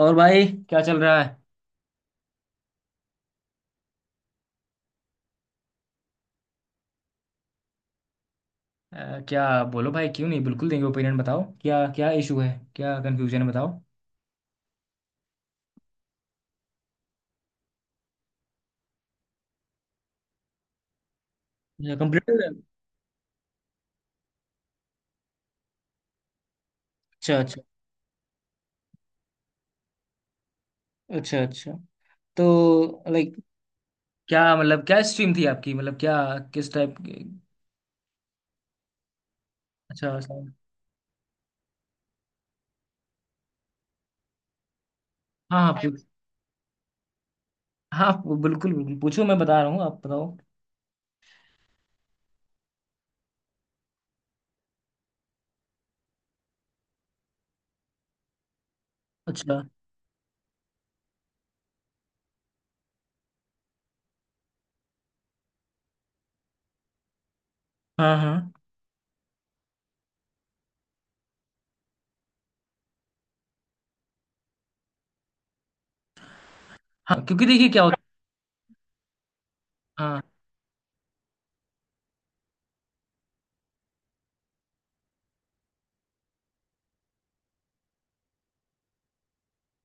और भाई क्या चल रहा है? क्या बोलो भाई, क्यों नहीं, बिल्कुल देंगे ओपिनियन। बताओ क्या क्या इशू है, क्या कंफ्यूजन है, बताओ। कंप्यूटर। अच्छा अच्छा। अच्छा अच्छा। तो लाइक क्या मतलब, क्या स्ट्रीम थी आपकी, मतलब क्या, किस टाइप की? अच्छा, साइंस। हाँ हाँ, हाँ, बिल्कुल बिल्कुल पूछो, मैं बता रहा हूँ, आप बताओ। अच्छा। हाँ हाँ हाँ, क्योंकि देखिए क्या होता है। हाँ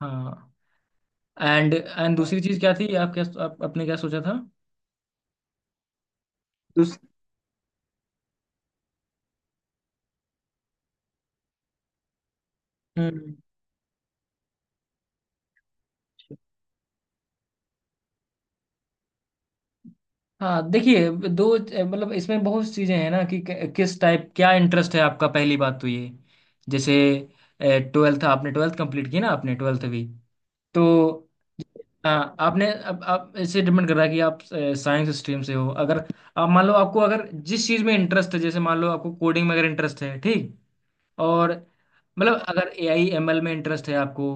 हाँ। एंड एंड दूसरी चीज़ क्या थी, आप, आपने क्या सोचा था? दूस- हम्म। हाँ देखिए, दो मतलब इसमें बहुत चीज़ें हैं ना किस टाइप, क्या इंटरेस्ट है आपका, पहली बात तो ये। जैसे ट्वेल्थ, आपने ट्वेल्थ कंप्लीट की ना, आपने ट्वेल्थ भी तो। हाँ, आपने अब आप इससे डिपेंड कर रहा है कि आप साइंस स्ट्रीम से हो। अगर आप मान लो आपको अगर जिस चीज़ में इंटरेस्ट है, जैसे मान लो आपको कोडिंग में अगर इंटरेस्ट है, ठीक। और मतलब अगर ए आई एम एल में इंटरेस्ट है आपको,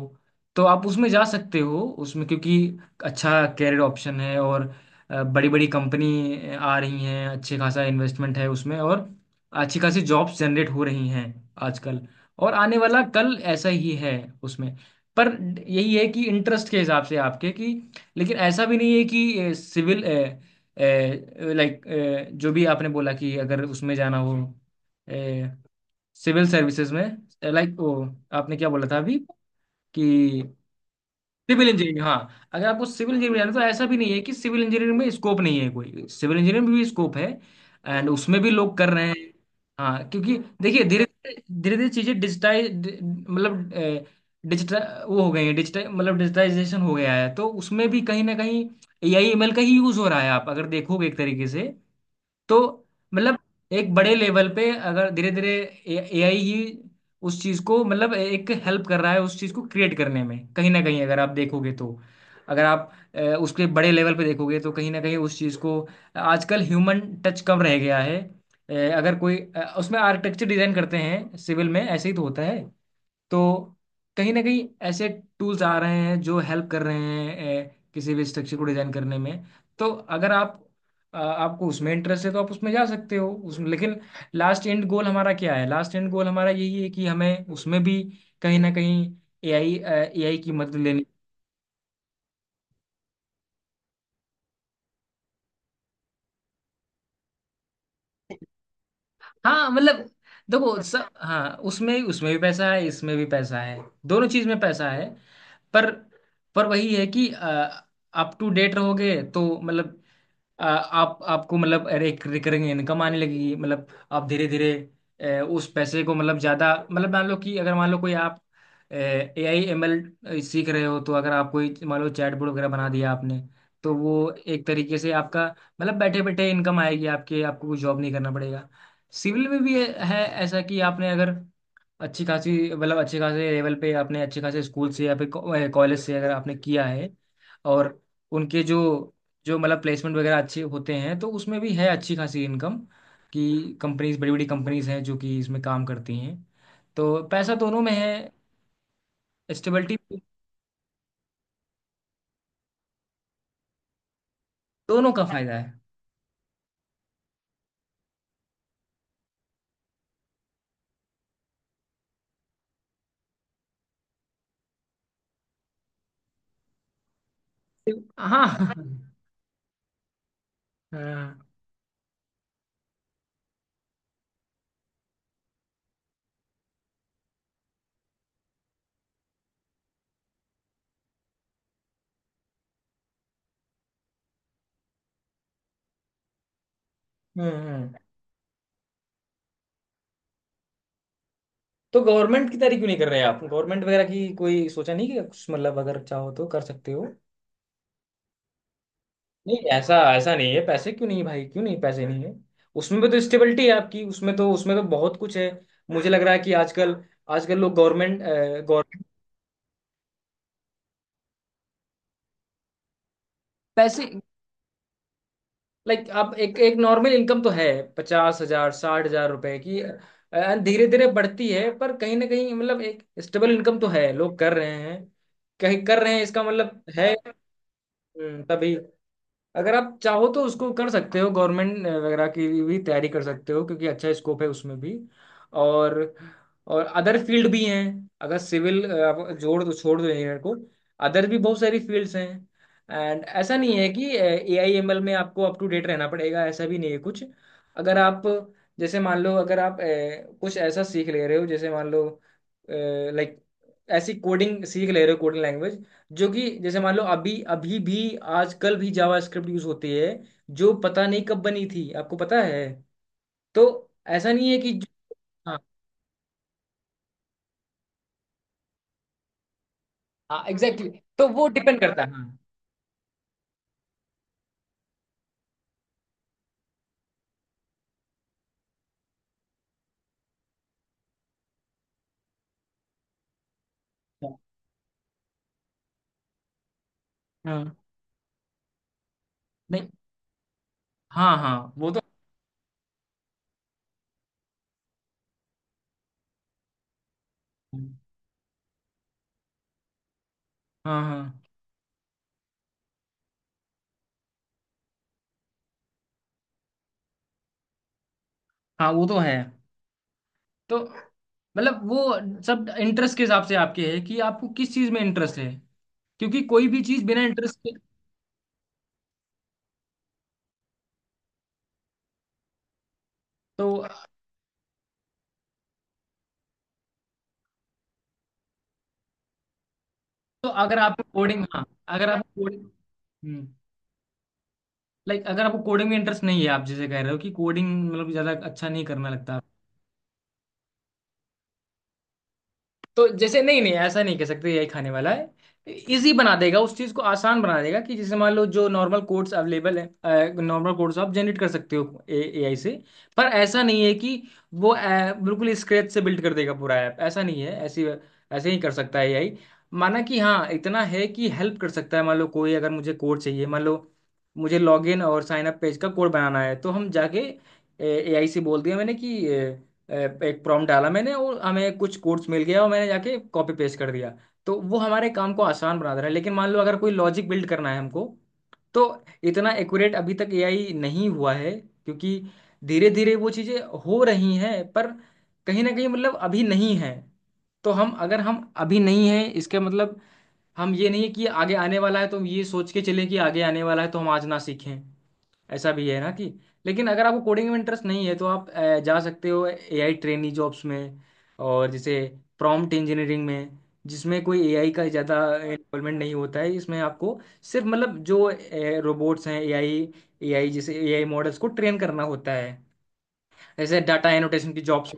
तो आप उसमें जा सकते हो उसमें, क्योंकि अच्छा कैरियर ऑप्शन है। और बड़ी बड़ी कंपनी आ रही हैं, अच्छे खासा इन्वेस्टमेंट है उसमें। और अच्छी खासी जॉब्स जनरेट हो रही हैं आजकल। और आने वाला कल ऐसा ही है उसमें। पर यही है कि इंटरेस्ट के हिसाब से आपके कि, लेकिन ऐसा भी नहीं है कि सिविल, लाइक, जो भी आपने बोला कि अगर उसमें जाना हो सिविल सर्विसेज में, लाइक वो आपने क्या बोला था अभी कि सिविल इंजीनियरिंग, हाँ, अगर आपको सिविल इंजीनियरिंग जाना है, तो ऐसा भी नहीं है कि सिविल इंजीनियरिंग में स्कोप नहीं है कोई। सिविल इंजीनियरिंग में भी स्कोप है। एंड उसमें भी लोग कर रहे हैं। हाँ, क्योंकि देखिए धीरे धीरे धीरे चीज़ें डिजिटाइज, मतलब डिजिटल, वो हो गई है डिजिटल, मतलब डिजिटाइजेशन हो गया है, तो उसमें भी कहीं ना कहीं ए आई एम एल का ही यूज़ हो रहा है, आप अगर देखोगे एक तरीके से। तो मतलब एक बड़े लेवल पे अगर धीरे धीरे एआई ही उस चीज को, मतलब एक हेल्प कर रहा है उस चीज को क्रिएट करने में, कहीं ना कहीं, अगर आप देखोगे तो। अगर आप उसके बड़े लेवल पे देखोगे, तो कहीं ना कहीं उस चीज को, आजकल ह्यूमन टच कम रह गया है। अगर कोई उसमें आर्किटेक्चर डिजाइन करते हैं, सिविल में ऐसे ही तो होता है। तो कहीं ना कहीं ऐसे टूल्स आ रहे हैं जो हेल्प कर रहे हैं किसी भी स्ट्रक्चर को डिजाइन करने में। तो अगर आप आपको उसमें इंटरेस्ट है तो आप उसमें जा सकते हो उसमें, लेकिन लास्ट एंड गोल हमारा क्या है, लास्ट एंड गोल हमारा यही है कि हमें उसमें भी कहीं ना कहीं एआई, एआई की मदद लेनी। हाँ मतलब देखो सब, हाँ उसमें, उसमें भी पैसा है, इसमें भी पैसा है, दोनों चीज में पैसा है। पर पर वही है कि अप टू डेट रहोगे तो मतलब आप आपको मतलब, अरे एक रिकरिंग इनकम आने लगेगी मतलब। आप धीरे धीरे उस पैसे को मतलब ज़्यादा, मतलब मान लो कि, अगर मान लो कोई आप ए आई एम एल सीख रहे हो तो अगर आप कोई मान लो चैटबॉट वगैरह बना दिया आपने, तो वो एक तरीके से आपका, मतलब बैठे बैठे इनकम आएगी आपके, आपको कोई जॉब नहीं करना पड़ेगा। सिविल में भी है ऐसा कि आपने अगर अच्छी खासी, मतलब अच्छे खासे लेवल पे, आपने अच्छे खासे स्कूल से या फिर कॉलेज से अगर आपने किया है, और उनके जो जो मतलब प्लेसमेंट वगैरह अच्छे होते हैं, तो उसमें भी है अच्छी खासी इनकम, कि कंपनीज, बड़ी बड़ी कंपनीज हैं जो कि इसमें काम करती हैं। तो पैसा दोनों में है, स्टेबिलिटी, दोनों का फायदा है। हाँ हाँ। हाँ। हम्म। तो गवर्नमेंट की तैयारी क्यों नहीं कर रहे आप, गवर्नमेंट वगैरह की कोई सोचा नहीं कि कुछ, मतलब अगर चाहो तो कर सकते हो। नहीं, ऐसा ऐसा नहीं है, पैसे क्यों नहीं भाई, क्यों नहीं पैसे नहीं है, उसमें भी तो स्टेबिलिटी है आपकी उसमें तो, उसमें तो बहुत कुछ है। मुझे लग रहा है कि आजकल, आजकल लोग गवर्नमेंट गवर्नमेंट पैसे, लाइक आप एक एक नॉर्मल इनकम तो है, 50,000 60,000 रुपए की, धीरे धीरे बढ़ती है, पर कहीं ना कहीं मतलब एक स्टेबल इनकम तो है, लोग कर रहे हैं, कहीं कर रहे हैं, इसका मतलब है। तभी अगर आप चाहो तो उसको कर सकते हो, गवर्नमेंट वगैरह की भी तैयारी कर सकते हो, क्योंकि अच्छा स्कोप है उसमें भी। और और अदर फील्ड भी हैं, अगर सिविल आप जोड़ दो छोड़ दो इंजीनियर को, अदर भी बहुत सारी फील्ड्स हैं। एंड ऐसा नहीं है कि ए आई एम एल में आपको अप टू डेट रहना पड़ेगा, ऐसा भी नहीं है कुछ। अगर आप, जैसे मान लो अगर आप कुछ ऐसा सीख ले रहे हो, जैसे मान लो, लाइक ऐसी कोडिंग सीख ले रहे हो, कोडिंग लैंग्वेज, जो कि जैसे मान लो अभी, अभी भी आजकल भी जावास्क्रिप्ट यूज होती है, जो पता नहीं कब बनी थी, आपको पता है। तो ऐसा नहीं है कि हाँ हाँ एग्जैक्टली। तो वो डिपेंड करता है। हाँ हाँ हाँ, नहीं, हाँ हाँ वो तो, हाँ हाँ हाँ वो तो है। तो मतलब वो सब इंटरेस्ट के हिसाब से आपके है कि आपको किस चीज में इंटरेस्ट है, क्योंकि कोई भी चीज बिना इंटरेस्ट के, तो तो अगर आपको कोडिंग, हाँ अगर आप कोडिंग, लाइक अगर आपको कोडिंग में इंटरेस्ट नहीं है, आप जैसे कह रहे हो कि कोडिंग मतलब ज्यादा अच्छा नहीं करना लगता, तो जैसे, नहीं नहीं ऐसा नहीं कह सकते यही खाने वाला है, इजी बना देगा उस चीज को, आसान बना देगा, कि जैसे मान लो जो नॉर्मल कोड्स अवेलेबल है, नॉर्मल कोड्स आप जनरेट कर सकते हो एआई से। पर ऐसा नहीं है कि वो बिल्कुल स्क्रैच से बिल्ड कर देगा पूरा ऐप, ऐसा नहीं है, ऐसी ऐसे ही कर सकता है एआई, माना कि हाँ इतना है कि हेल्प कर सकता है। मान लो कोई अगर मुझे कोड चाहिए, मान लो मुझे लॉगिन और साइन अप पेज का कोड बनाना है, तो हम जाके एआई से बोल दिया मैंने कि अ, एक प्रॉम्प्ट डाला मैंने और हमें कुछ कोड्स मिल गया और मैंने जाके कॉपी पेस्ट कर दिया, तो वो हमारे काम को आसान बना दे रहा है। लेकिन मान लो अगर कोई लॉजिक बिल्ड करना है हमको, तो इतना एक्यूरेट अभी तक एआई नहीं हुआ है, क्योंकि धीरे धीरे वो चीज़ें हो रही हैं, पर कहीं ना कहीं मतलब अभी नहीं है। तो हम अगर हम अभी नहीं है इसका मतलब हम ये नहीं है कि आगे आने वाला है, तो हम ये सोच के चलें कि आगे आने वाला है तो हम आज ना सीखें, ऐसा भी है ना कि। लेकिन अगर आपको कोडिंग में इंटरेस्ट नहीं है तो आप जा सकते हो एआई ट्रेनी जॉब्स में, और जैसे प्रॉम्प्ट इंजीनियरिंग में, जिसमें कोई एआई का ज़्यादा इन्वॉल्वमेंट नहीं होता है, इसमें आपको सिर्फ मतलब जो रोबोट्स हैं एआई, एआई जैसे एआई मॉडल्स को ट्रेन करना होता है, जैसे डाटा एनोटेशन की जॉब्स।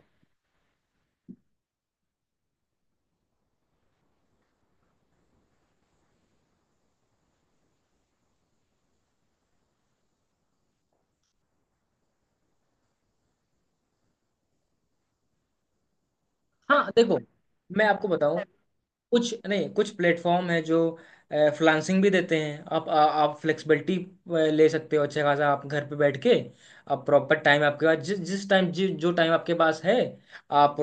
हाँ देखो मैं आपको बताऊं, कुछ नहीं, कुछ प्लेटफॉर्म है जो फ्रीलांसिंग भी देते हैं, आप आप फ्लेक्सिबिलिटी ले सकते हो अच्छा खासा, आप घर पे बैठ के, आप प्रॉपर टाइम आपके पास, जिस जिस टाइम जो टाइम आपके पास है, आप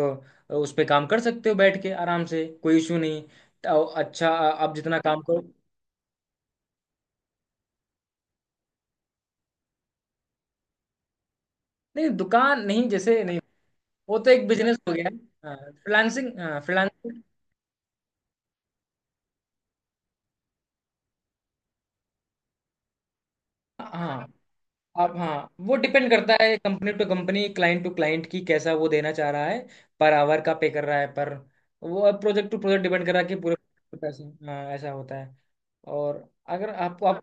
उस पे काम कर सकते हो बैठ के आराम से, कोई इशू नहीं। तो अच्छा, आप जितना काम करो। नहीं, दुकान नहीं जैसे, नहीं, वो तो एक बिजनेस हो गया। हाँ, फ्रीलांसिंग, हाँ, फ्रीलांसिंग। हाँ आप, हाँ, वो डिपेंड करता है company to company, client to client की, कैसा वो देना चाह रहा है, पर आवर का पे कर रहा है, पर वो अब प्रोजेक्ट टू प्रोजेक्ट डिपेंड कर रहा है कि पूरे पैसे, हाँ ऐसा होता है। और अगर आपको आप,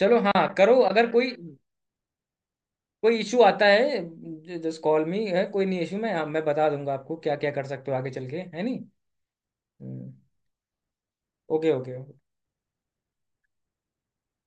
चलो हाँ करो, अगर कोई कोई इशू आता है जस्ट कॉल मी, है कोई नहीं इशू, मैं, हाँ, मैं बता दूंगा आपको क्या क्या कर सकते हो आगे चल के, है नहीं। Okay okay.